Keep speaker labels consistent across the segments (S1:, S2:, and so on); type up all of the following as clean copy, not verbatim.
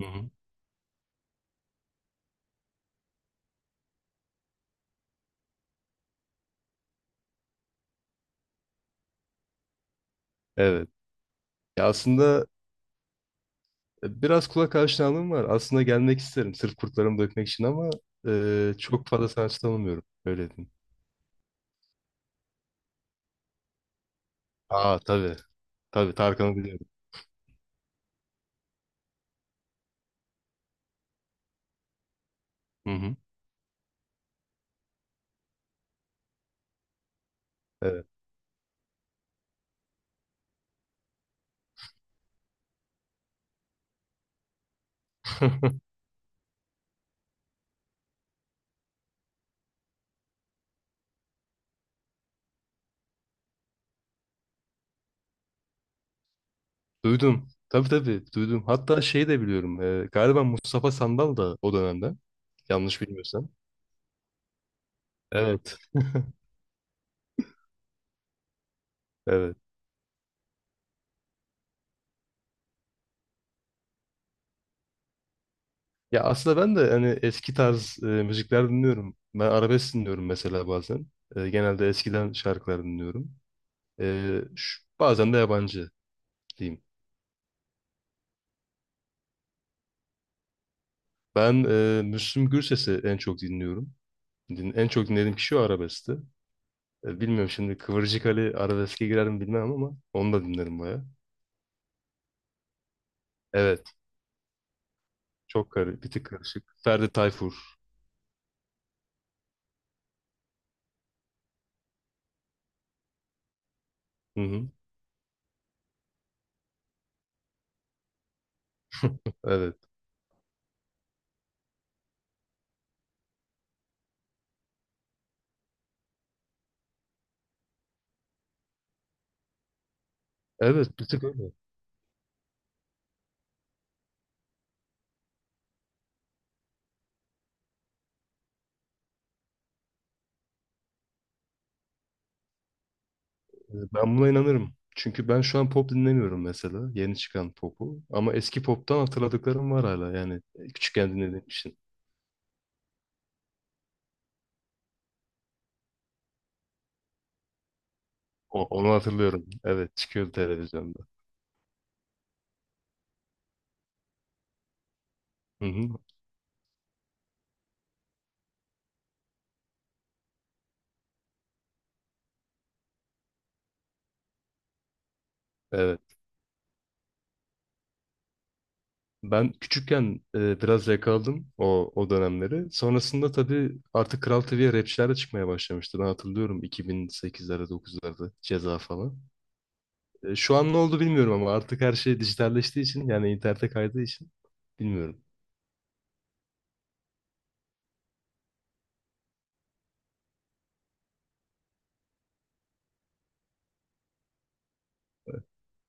S1: Hı hı. Evet. Ya aslında biraz kulak aşinalığım var. Aslında gelmek isterim sırf kurtlarımı dökmek için ama çok fazla sanatçı tanımıyorum. Öyle diyeyim. Aa tabii. Tabii Tarkan'ı biliyorum. Hı hı. Evet. Duydum. Tabii, tabii duydum. Hatta şey de biliyorum. Galiba Mustafa Sandal da o dönemden. Yanlış bilmiyorsam. Evet. Evet. Ya aslında ben de hani eski tarz müzikler dinliyorum. Ben arabesk dinliyorum mesela bazen. Genelde eskiden şarkılar dinliyorum. Bazen de yabancı diyeyim. Ben Müslüm Gürses'i en çok dinliyorum. En çok dinlediğim kişi o, arabeskti. Bilmiyorum, şimdi Kıvırcık Ali arabeske girer mi bilmem, ama onu da dinlerim baya. Evet. Çok karı, bir tık karışık. Ferdi Tayfur. Hı hı. Evet. Evet, bir tık öyle. Ben buna inanırım. Çünkü ben şu an pop dinlemiyorum mesela. Yeni çıkan popu. Ama eski poptan hatırladıklarım var hala. Yani küçükken dinlediğim için. Onu hatırlıyorum. Evet, çıkıyordu televizyonda. Hı hı. Evet. Ben küçükken biraz yakaladım o dönemleri. Sonrasında tabii artık Kral TV'ye rapçiler de çıkmaya başlamıştı. Ben hatırlıyorum, 2008'lerde 9'larda Ceza falan. Şu an ne oldu bilmiyorum, ama artık her şey dijitalleştiği için, yani internete kaydığı için bilmiyorum.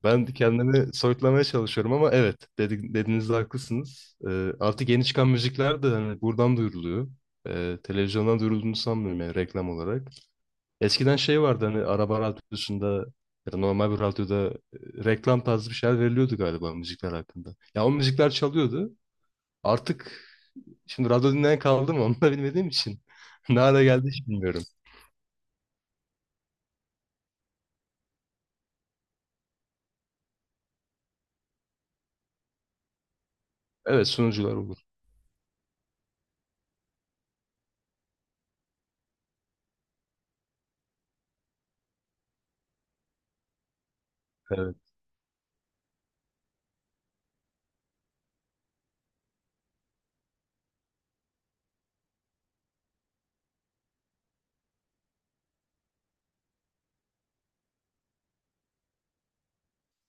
S1: Ben kendimi soyutlamaya çalışıyorum, ama evet, dediğinizde haklısınız. Artık yeni çıkan müzikler de hani buradan duyuruluyor. Televizyondan duyurulduğunu sanmıyorum, yani reklam olarak. Eskiden şey vardı, hani araba radyosunda ya da normal bir radyoda reklam tarzı bir şeyler veriliyordu galiba müzikler hakkında. Ya o müzikler çalıyordu. Artık şimdi radyo dinleyen kaldı mı onu da bilmediğim için ne hale geldi hiç bilmiyorum. Evet, sunucular olur. Evet.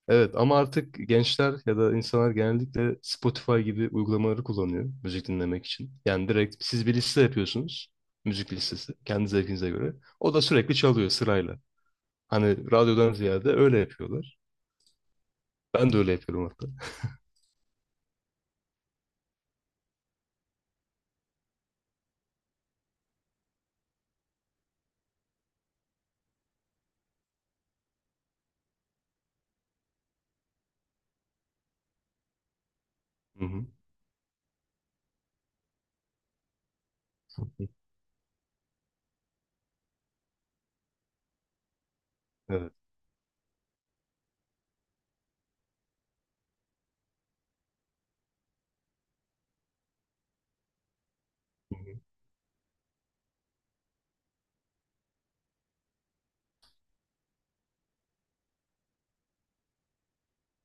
S1: Evet, ama artık gençler ya da insanlar genellikle Spotify gibi uygulamaları kullanıyor müzik dinlemek için. Yani direkt siz bir liste yapıyorsunuz. Müzik listesi, kendi zevkinize göre. O da sürekli çalıyor sırayla. Hani radyodan ziyade öyle yapıyorlar. Ben de öyle yapıyorum hatta. Hı hı. Evet. Hı hı.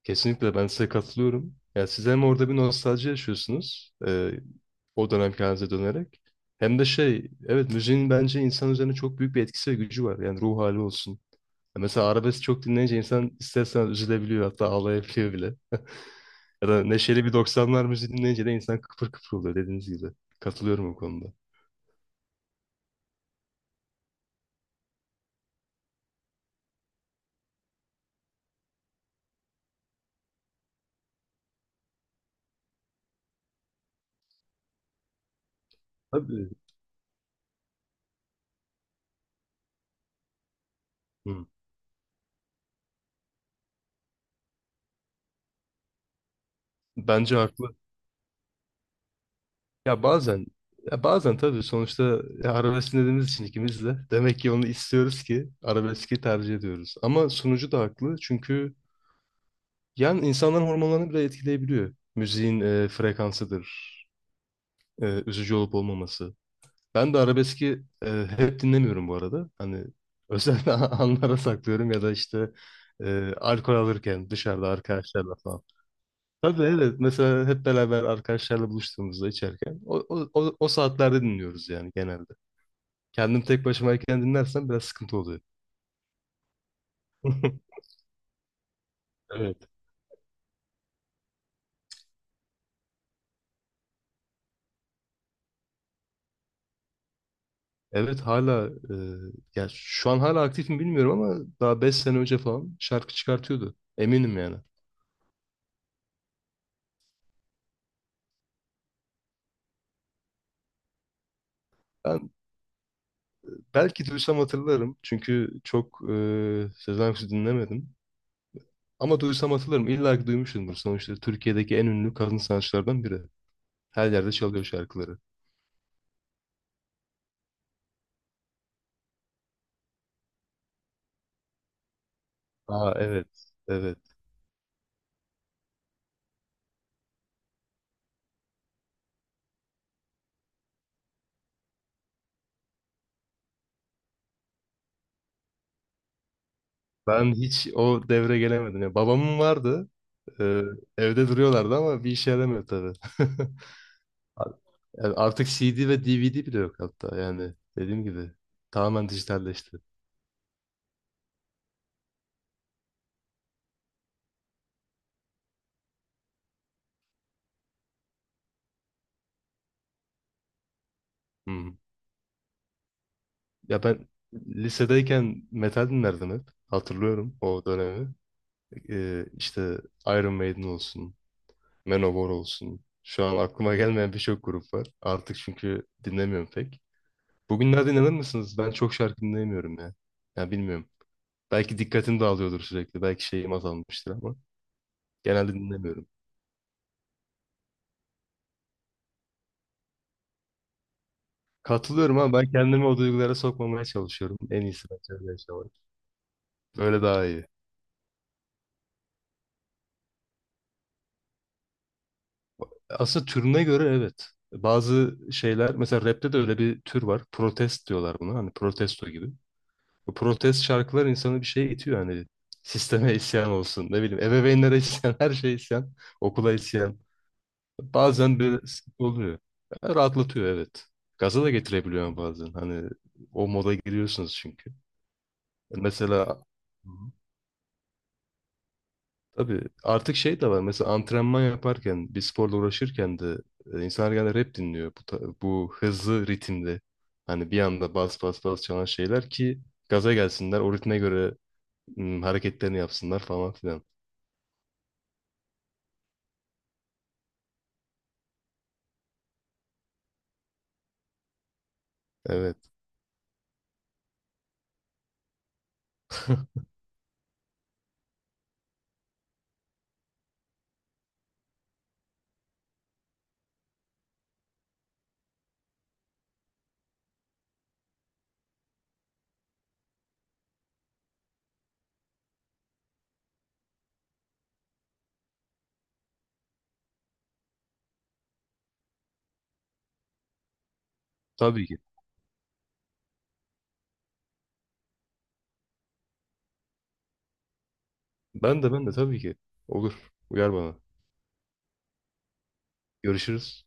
S1: Kesinlikle ben size katılıyorum. Yani siz hem orada bir nostalji yaşıyorsunuz, o dönemki halinize dönerek. Hem de şey, evet, müziğin bence insan üzerine çok büyük bir etkisi ve gücü var. Yani ruh hali olsun. Ya mesela arabesk çok dinleyince insan istersen üzülebiliyor, hatta ağlayabiliyor bile. Ya da neşeli bir doksanlar müziği dinleyince de insan kıpır kıpır oluyor, dediğiniz gibi. Katılıyorum bu konuda. Tabii. Hı. Bence haklı. Ya bazen ya bazen tabii, sonuçta ya arabesk dinlediğimiz için ikimiz de, demek ki onu istiyoruz ki arabeski tercih ediyoruz. Ama sunucu da haklı, çünkü yani insanların hormonlarını bile etkileyebiliyor. Müziğin frekansıdır, üzücü olup olmaması. Ben de arabeski hep dinlemiyorum bu arada. Hani özel anlara saklıyorum ya da işte alkol alırken dışarıda arkadaşlarla falan. Tabii, evet, mesela hep beraber arkadaşlarla buluştuğumuzda içerken o saatlerde dinliyoruz yani genelde. Kendim tek başımayken dinlersem biraz sıkıntı oluyor. Evet. Evet hala ya şu an hala aktif mi bilmiyorum, ama daha 5 sene önce falan şarkı çıkartıyordu. Eminim yani. Ben belki duysam hatırlarım, çünkü çok Sezen Aksu dinlemedim. Ama duysam hatırlarım. İlla ki duymuşumdur. Sonuçta Türkiye'deki en ünlü kadın sanatçılardan biri. Her yerde çalıyor şarkıları. Aa evet. Evet. Ben hiç o devre gelemedim. Ya, babamın vardı. E, Evde duruyorlardı ama bir işe yaramıyor tabii. Yani artık CD ve DVD bile yok hatta, yani dediğim gibi tamamen dijitalleşti. Hı hı. Ya ben lisedeyken metal dinlerdim hep. Hatırlıyorum o dönemi. İşte Iron Maiden olsun, Manowar olsun. Şu an aklıma gelmeyen birçok grup var. Artık çünkü dinlemiyorum pek. Bugünlerde inanır mısınız, ben çok şarkı dinleyemiyorum ya. Ya bilmiyorum. Belki dikkatim dağılıyordur sürekli. Belki şeyim azalmıştır, ama genelde dinlemiyorum. Katılıyorum, ama ben kendimi o duygulara sokmamaya çalışıyorum. En iyisi bence öyle yaşamak. Öyle daha iyi. Aslında türüne göre evet. Bazı şeyler, mesela rapte de öyle bir tür var. Protest diyorlar buna. Hani protesto gibi. Bu protest şarkılar insanı bir şeye itiyor. Hani sisteme isyan olsun. Ne bileyim, ebeveynlere isyan. Her şeye isyan. Okula isyan. Bazen böyle sıkıntı oluyor. Ya, rahatlatıyor, evet. Gaza da getirebiliyor bazen. Hani o moda giriyorsunuz çünkü. Mesela tabii artık şey de var, mesela antrenman yaparken, bir sporla uğraşırken de insanlar genelde rap dinliyor, bu hızlı ritimde, hani bir anda bas bas bas çalan şeyler ki gaza gelsinler, o ritme göre hareketlerini yapsınlar falan filan. Evet, tabii ki ben de tabii ki olur, uyar bana, görüşürüz.